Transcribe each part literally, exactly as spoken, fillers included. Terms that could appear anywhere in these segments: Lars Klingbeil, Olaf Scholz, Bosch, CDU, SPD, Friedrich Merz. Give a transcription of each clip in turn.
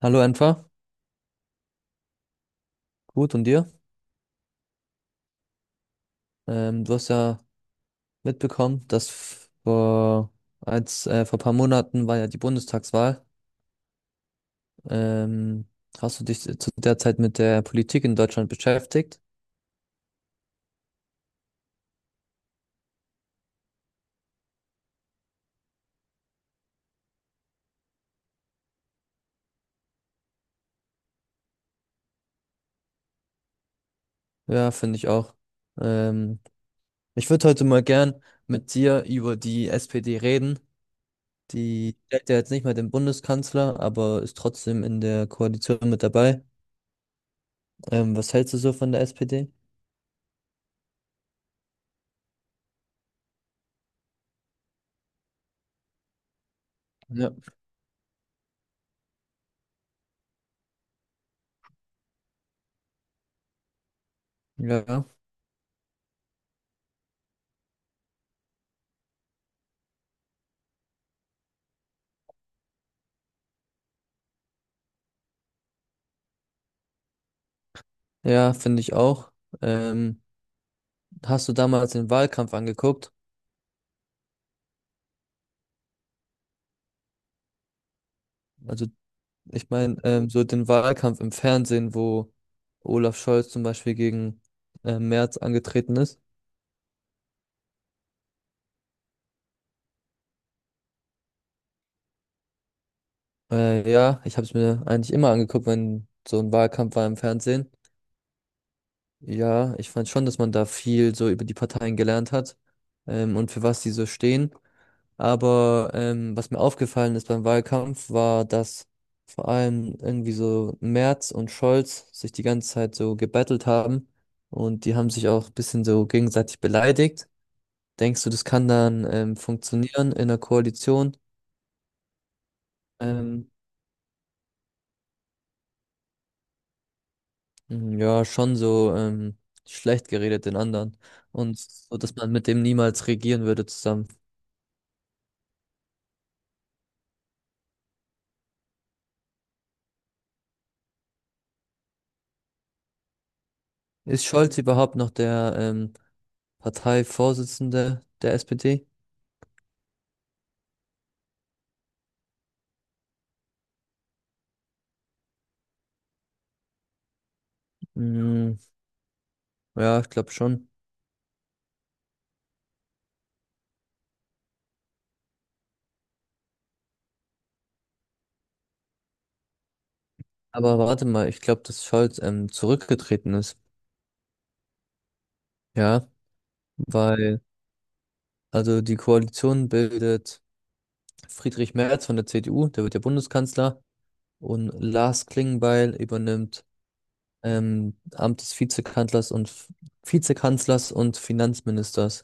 Hallo Enfer, gut und dir? Ähm, du hast ja mitbekommen, dass f- vor, als, äh, vor ein paar Monaten war ja die Bundestagswahl. Ähm, Hast du dich zu der Zeit mit der Politik in Deutschland beschäftigt? Ja, finde ich auch. Ähm, Ich würde heute mal gern mit dir über die S P D reden. Die stellt ja jetzt nicht mehr den Bundeskanzler, aber ist trotzdem in der Koalition mit dabei. Ähm, was hältst du so von der S P D? Ja. Ja, ja, finde ich auch. Ähm, Hast du damals den Wahlkampf angeguckt? Also, ich meine, ähm, so den Wahlkampf im Fernsehen, wo Olaf Scholz zum Beispiel gegen äh, Merz angetreten ist. Äh, ja, ich habe es mir eigentlich immer angeguckt, wenn so ein Wahlkampf war im Fernsehen. Ja, ich fand schon, dass man da viel so über die Parteien gelernt hat, ähm, und für was die so stehen. Aber ähm, was mir aufgefallen ist beim Wahlkampf, war, dass vor allem irgendwie so Merz und Scholz sich die ganze Zeit so gebettelt haben und die haben sich auch ein bisschen so gegenseitig beleidigt. Denkst du, das kann dann ähm, funktionieren in der Koalition? Ähm, mh, ja, schon so, ähm, schlecht geredet den anderen und so, dass man mit dem niemals regieren würde zusammen. Ist Scholz überhaupt noch der ähm, Parteivorsitzende der S P D? Mm, ja, ich glaube schon. Aber warte mal, ich glaube, dass Scholz ähm, zurückgetreten ist. Ja, weil, also die Koalition bildet Friedrich Merz von der C D U, der wird ja Bundeskanzler, und Lars Klingbeil übernimmt ähm, Amt des Vizekanzlers und Vizekanzlers und Finanzministers.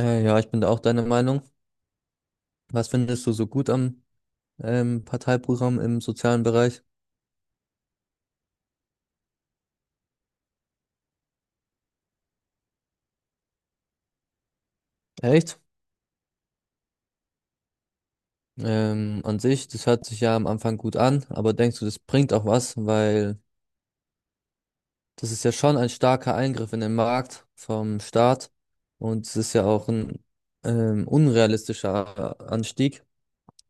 Äh, ja, ich bin da auch deiner Meinung. Was findest du so gut am ähm, Parteiprogramm im sozialen Bereich? Echt? Ähm, an sich, das hört sich ja am Anfang gut an, aber denkst du, das bringt auch was, weil das ist ja schon ein starker Eingriff in den Markt vom Staat und es ist ja auch ein ähm, unrealistischer Anstieg.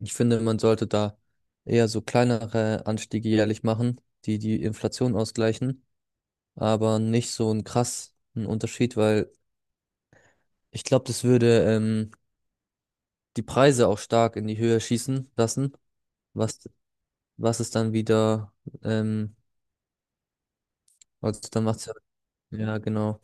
Ich finde, man sollte da eher so kleinere Anstiege jährlich machen, die die Inflation ausgleichen, aber nicht so einen krassen Unterschied, weil ich glaube, das würde ähm, die Preise auch stark in die Höhe schießen lassen, was, was es dann wieder, ähm, also dann macht's ja, ja, genau.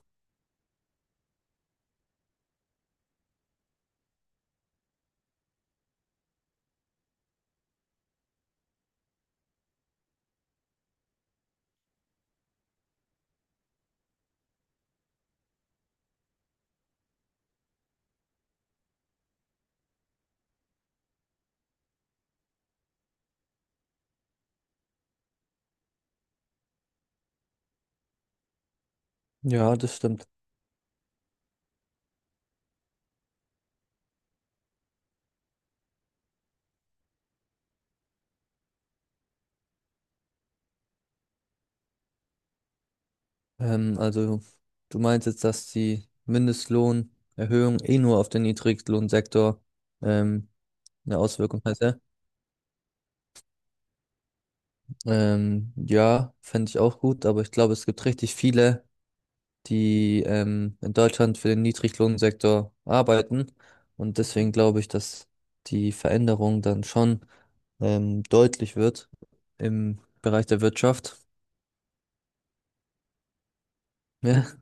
Ja, das stimmt. Ähm, also du meinst jetzt, dass die Mindestlohnerhöhung eh nur auf den Niedriglohnsektor ähm, eine Auswirkung hätte? Ähm, ja, fände ich auch gut, aber ich glaube, es gibt richtig viele, die ähm, in Deutschland für den Niedriglohnsektor arbeiten. Und deswegen glaube ich, dass die Veränderung dann schon ähm, deutlich wird im Bereich der Wirtschaft. Ja,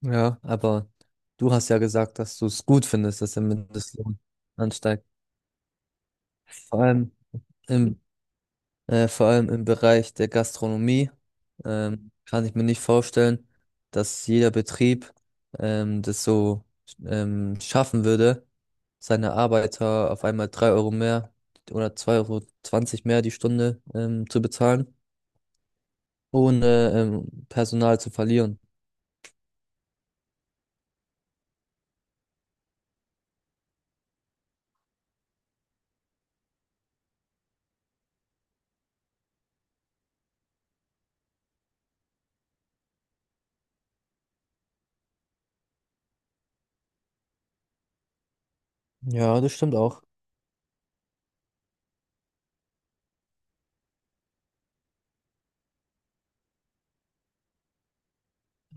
ja, aber du hast ja gesagt, dass du es gut findest, dass der Mindestlohn ansteigt. Vor allem im, äh, vor allem im Bereich der Gastronomie ähm, kann ich mir nicht vorstellen, dass jeder Betrieb ähm, das so ähm, schaffen würde, seine Arbeiter auf einmal drei Euro mehr oder zwei Euro zwanzig mehr die Stunde ähm, zu bezahlen, ohne ähm, Personal zu verlieren. Ja, das stimmt auch.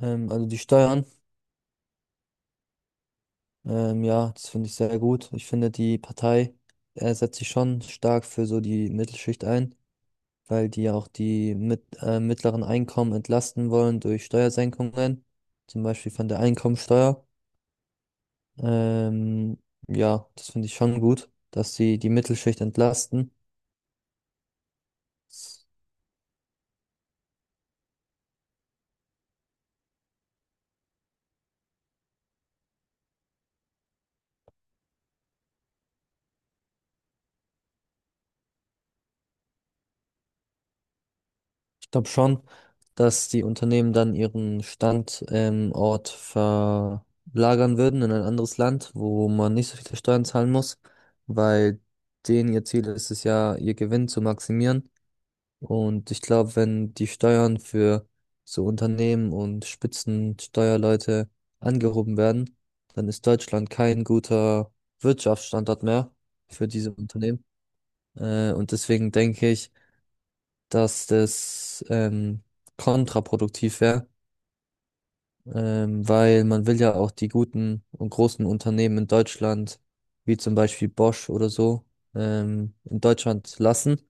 Ähm, also die Steuern, ähm, ja, das finde ich sehr gut. Ich finde, die Partei äh, setzt sich schon stark für so die Mittelschicht ein, weil die ja auch die mit, äh, mittleren Einkommen entlasten wollen durch Steuersenkungen, zum Beispiel von der Einkommensteuer. Ähm, ja, das finde ich schon gut, dass sie die Mittelschicht entlasten. Ich glaube schon, dass die Unternehmen dann ihren Standort ähm, Ort verlagern würden in ein anderes Land, wo man nicht so viele Steuern zahlen muss, weil denen ihr Ziel ist es ja, ihr Gewinn zu maximieren. Und ich glaube, wenn die Steuern für so Unternehmen und Spitzensteuerleute angehoben werden, dann ist Deutschland kein guter Wirtschaftsstandort mehr für diese Unternehmen. Äh, und deswegen denke ich, dass das ähm, kontraproduktiv wäre, ähm, weil man will ja auch die guten und großen Unternehmen in Deutschland, wie zum Beispiel Bosch oder so, ähm, in Deutschland lassen.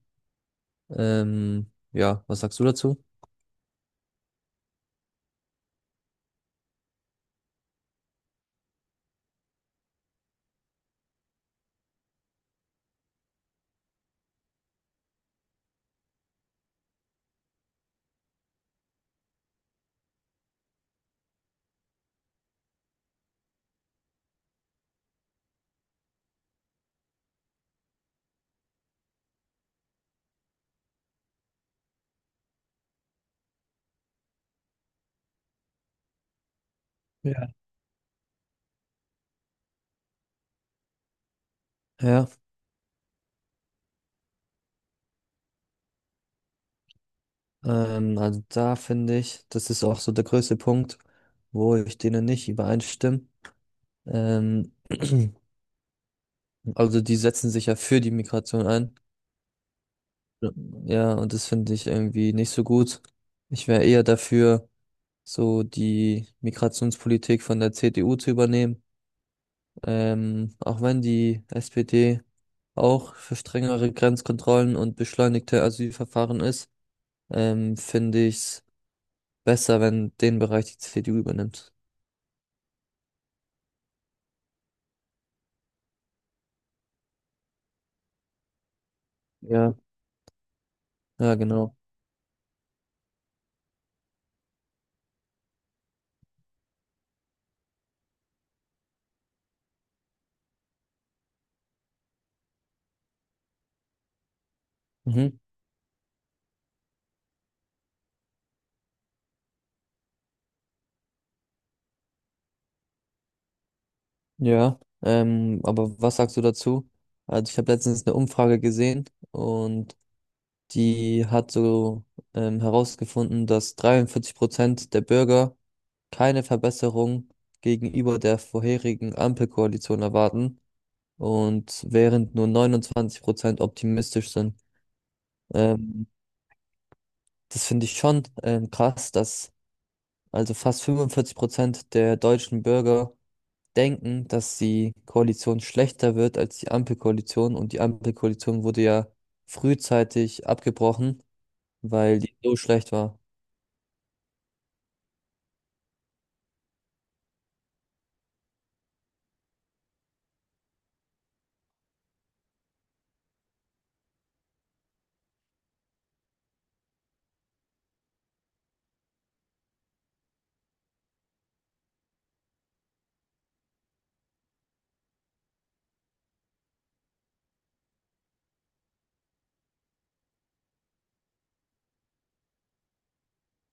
Ähm, ja, was sagst du dazu? Ja. Ja. Ähm, also da finde ich, das ist auch so der größte Punkt, wo ich denen nicht übereinstimme. Ähm, also die setzen sich ja für die Migration ein. Ja, ja, und das finde ich irgendwie nicht so gut. Ich wäre eher dafür, so die Migrationspolitik von der C D U zu übernehmen. Ähm, auch wenn die S P D auch für strengere Grenzkontrollen und beschleunigte Asylverfahren ist, ähm, finde ich es besser, wenn den Bereich die C D U übernimmt. Ja. Ja, genau. Mhm. Ja, ähm, aber was sagst du dazu? Also ich habe letztens eine Umfrage gesehen, und die hat so ähm, herausgefunden, dass dreiundvierzig Prozent der Bürger keine Verbesserung gegenüber der vorherigen Ampelkoalition erwarten, und während nur neunundzwanzig Prozent optimistisch sind. Ähm, Das finde ich schon, ähm, krass, dass also fast fünfundvierzig Prozent der deutschen Bürger denken, dass die Koalition schlechter wird als die Ampelkoalition. Und die Ampelkoalition wurde ja frühzeitig abgebrochen, weil die so schlecht war.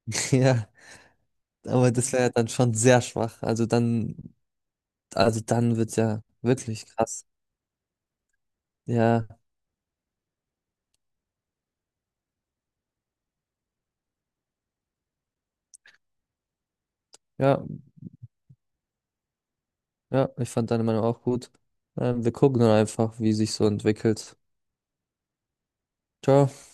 Ja, aber das wäre ja dann schon sehr schwach. Also dann, also dann wird's ja wirklich krass. Ja, ja, ja, ich fand deine Meinung auch gut. Ähm, wir gucken dann einfach, wie sich so entwickelt. Ciao.